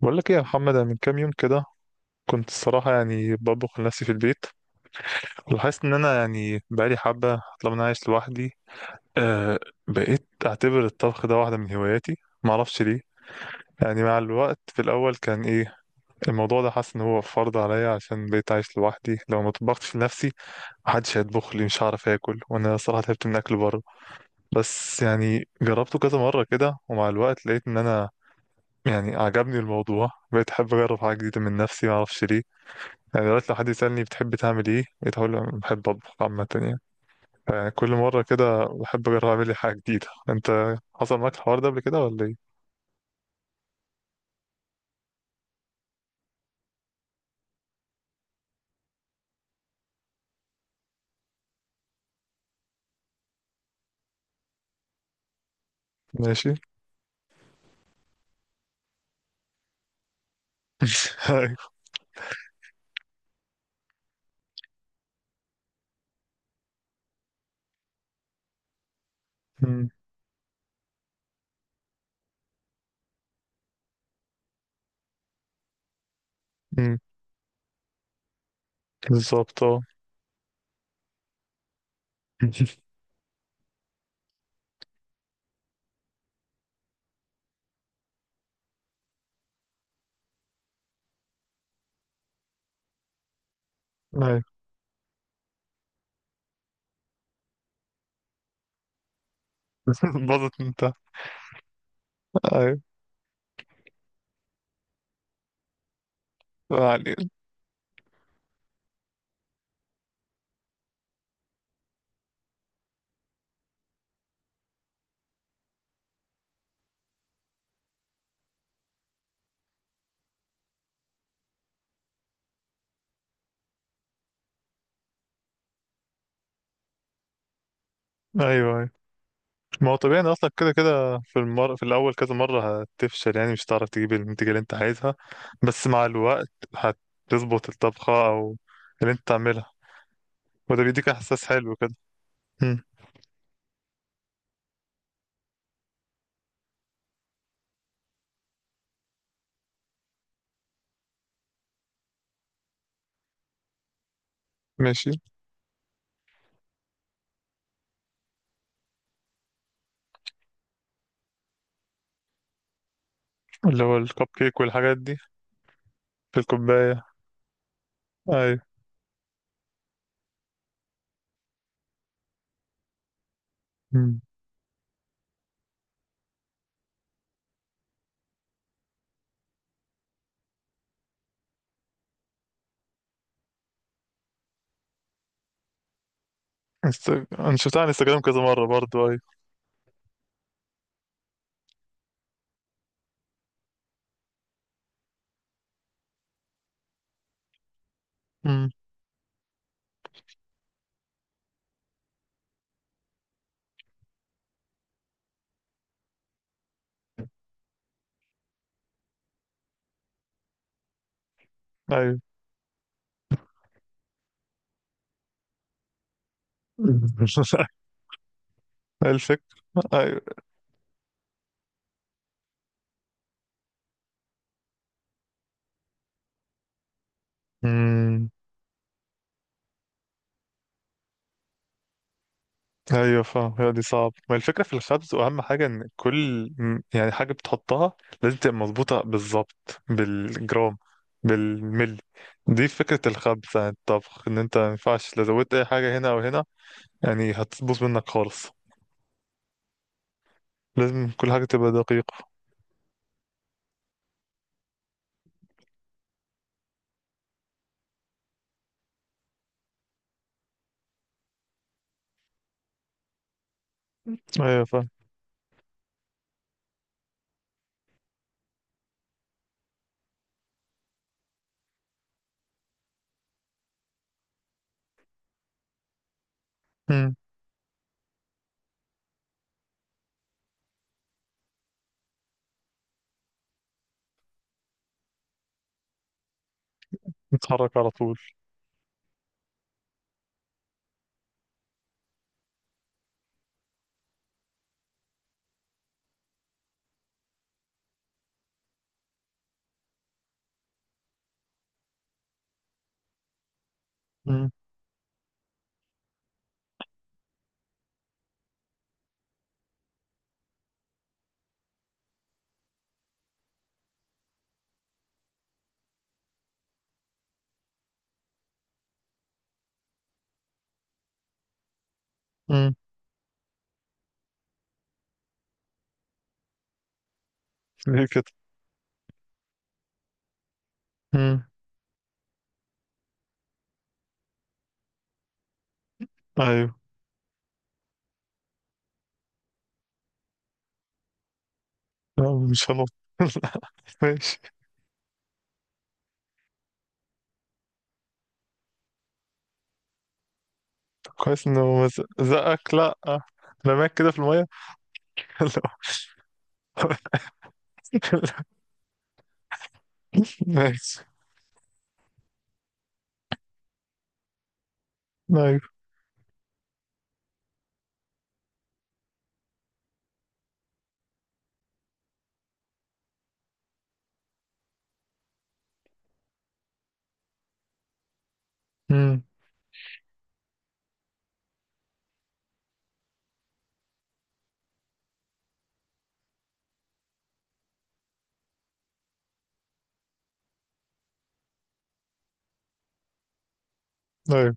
بقول لك ايه يا محمد، انا من كام يوم كده كنت الصراحه يعني بطبخ لنفسي في البيت. ولاحظت ان انا يعني بقالي حبه طالما انا عايش لوحدي. آه. بقيت اعتبر الطبخ ده واحده من هواياتي، ما اعرفش ليه. يعني مع الوقت في الاول كان ايه الموضوع ده، حاسس ان هو فرض عليا عشان بقيت عايش لوحدي. لو ما طبختش لنفسي محدش هيطبخ لي، مش هعرف اكل، وانا صراحه تعبت من اكل بره. بس يعني جربته كذا مره كده، ومع الوقت لقيت ان انا يعني عجبني الموضوع، بقيت احب اجرب حاجه جديده من نفسي، ما اعرفش ليه. يعني دلوقتي لو حد يسألني بتحب تعمل ايه، بقيت هقول له أنا بحب اطبخ عامة يعني. فكل مرة كده بحب اجرب اعمل لي حاجة جديدة. انت حصل معاك الحوار ده قبل كده ولا ايه؟ ماشي. أيوة. أمم. أمم. بالظبط، اه. ايوه باظت انت. ايوه، ما علينا. ايوه، ايوه. ما هو طبيعي إن اصلا كده كده في الاول كذا مرة هتفشل، يعني مش هتعرف تجيب النتيجة اللي انت عايزها. بس مع الوقت هتظبط الطبخة او اللي انت تعملها. وده بيديك احساس حلو كده. أمم. ماشي. اللي هو الكب كيك والحاجات دي. في الكوباية. أيوة. مم. أنا شفتها على انستجرام كذا مرة برضو. أيوة. مم. أيوة. الفكرة. أيوة. مم. أيوة، فاهم. هي دي صعب، ما الفكرة في الخبز وأهم حاجة إن يعني حاجة بتحطها لازم تبقى مظبوطة بالظبط بالجرام، بالملي. دي فكرة الخبز عن الطبخ، إن أنت ما ينفعش لو زودت أي حاجة هنا أو هنا، يعني هتبوظ منك خالص. لازم كل حاجة تبقى دقيقة. أيوة، فاهم. نتحرك على طول. مم. مم. ليه كده؟ مم. ايوه. لا، مش هنط. لا. ماشي. طب كويس انه ما زقك. لا، رماك كده في المية. لا. ماشي. ايوه. مم. ايوه.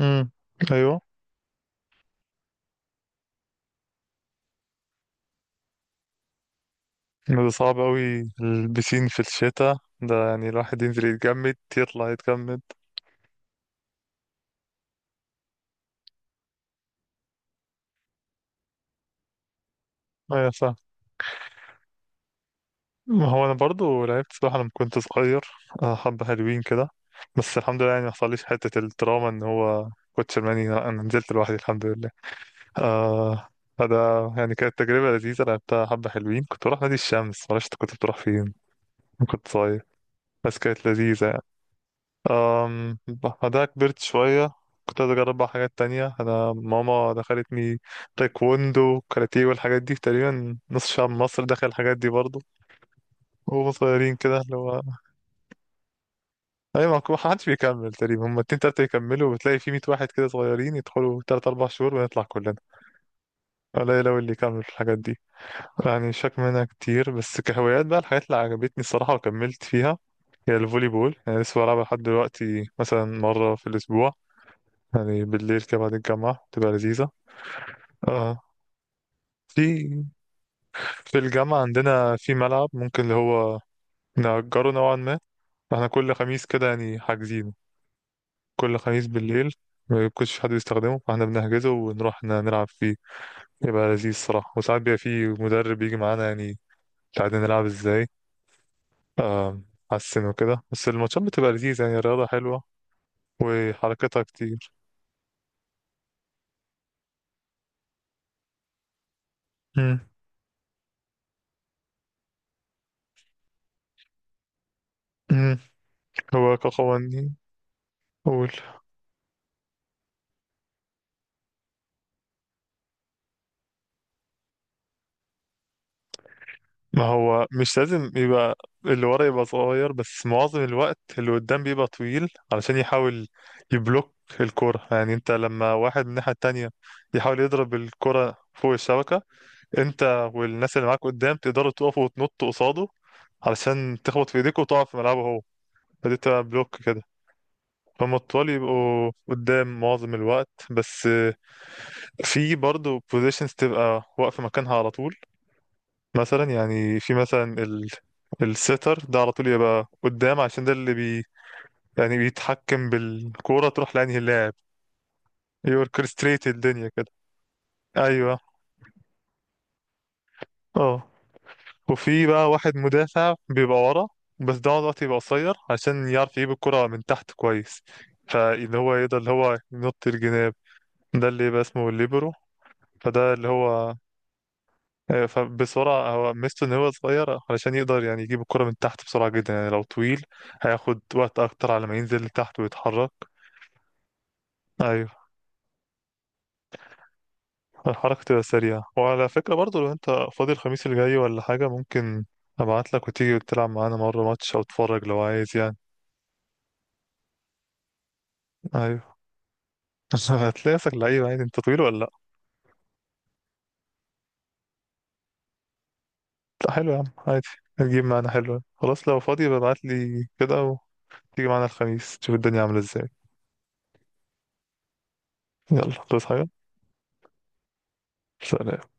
مم. ايوه. ده صعب قوي البسين في الشتاء. ده يعني الواحد ينزل يتجمد، يطلع يتجمد. ايوه، صح. ما هو انا برضو لعبت سباحه لما كنت صغير. حبه حلوين كده. بس الحمد لله يعني ما حصليش حته التراuma ان هو كنت شرماني. لا، انا نزلت لوحدي الحمد لله. آه. فده يعني كانت تجربه لذيذه، لعبتها حبه حلوين. كنت بروح نادي الشمس، معرفش انت كنت بتروح فين لما كنت صغير. بس كانت لذيذه يعني. بعدها كبرت شويه. كنت عايز اجرب بقى حاجات تانية. انا ماما دخلتني تايكوندو، كاراتيه، والحاجات دي تقريبا نص شعب مصر دخل الحاجات دي برضو. وهم صغيرين كده اللي هو. ايوه، ما حدش بيكمل تقريبا. هما اتنين تلاتة يكملوا، وبتلاقي في 100 واحد كده صغيرين يدخلوا 3-4 شهور، ونطلع كلنا. قليل أوي اللي يكمل في الحاجات دي. يعني شاك منها كتير، بس كهوايات بقى الحاجات اللي عجبتني الصراحة وكملت فيها هي الفولي بول. يعني لسه بلعبها لحد دلوقتي مثلا مرة في الأسبوع. يعني بالليل كده بعد الجامعة بتبقى لذيذة. آه. في في الجامعة عندنا في ملعب ممكن اللي هو نأجره نوعا ما. احنا كل خميس كده يعني حاجزين، كل خميس بالليل. ما بيكونش في حد بيستخدمه، فاحنا بنحجزه ونروح نلعب فيه. يبقى لذيذ الصراحة، وساعات بيبقى فيه مدرب يجي معانا يعني يساعدنا نلعب ازاي. آم، حسن وكده، بس الماتشات بتبقى لذيذة يعني. الرياضة حلوة وحركتها كتير. مم. مم. هو كقوانين؟ قول. ما هو مش لازم يبقى اللي ورا يبقى صغير، بس معظم الوقت اللي قدام بيبقى طويل علشان يحاول يبلوك الكرة. يعني انت لما واحد من الناحية التانية يحاول يضرب الكرة فوق الشبكة، انت والناس اللي معاك قدام تقدروا تقفوا وتنطوا قصاده علشان تخبط في ايديك وتقع في ملعبه هو. فدي بتبقى بلوك كده. فهم الطوال يبقوا قدام معظم الوقت. بس في برضه بوزيشنز تبقى واقفة مكانها على طول، مثلا يعني في مثلا السيتر ده على طول يبقى قدام عشان ده اللي يعني بيتحكم بالكورة تروح لأنهي اللاعب، يوركستريت الدنيا كده. أيوه. اه. وفي بقى واحد مدافع بيبقى ورا، بس ده الوقت يبقى قصير عشان يعرف يجيب الكرة من تحت كويس، فاللي هو يقدر اللي هو ينط الجناب. ده اللي يبقى اسمه الليبرو. فده اللي هو فبسرعة هو ميزته إن هو صغير علشان يقدر يعني يجيب الكرة من تحت بسرعة جدا. يعني لو طويل هياخد وقت أكتر على ما ينزل لتحت ويتحرك. أيوه. الحركة تبقى سريعة. وعلى فكرة برضه لو أنت فاضي الخميس الجاي ولا حاجة، ممكن أبعتلك وتيجي تلعب معانا مرة ماتش أو تتفرج لو عايز يعني. أيوه. هتلاقي شكل لعيب عادي. انت طويل ولا لا؟ لا، حلو يا عم، عادي. هتجيب معانا، حلو، خلاص. لو فاضي ببعت لي كده وتيجي معانا الخميس تشوف الدنيا عاملة ازاي. يلا، تصحى حاجة. سلام.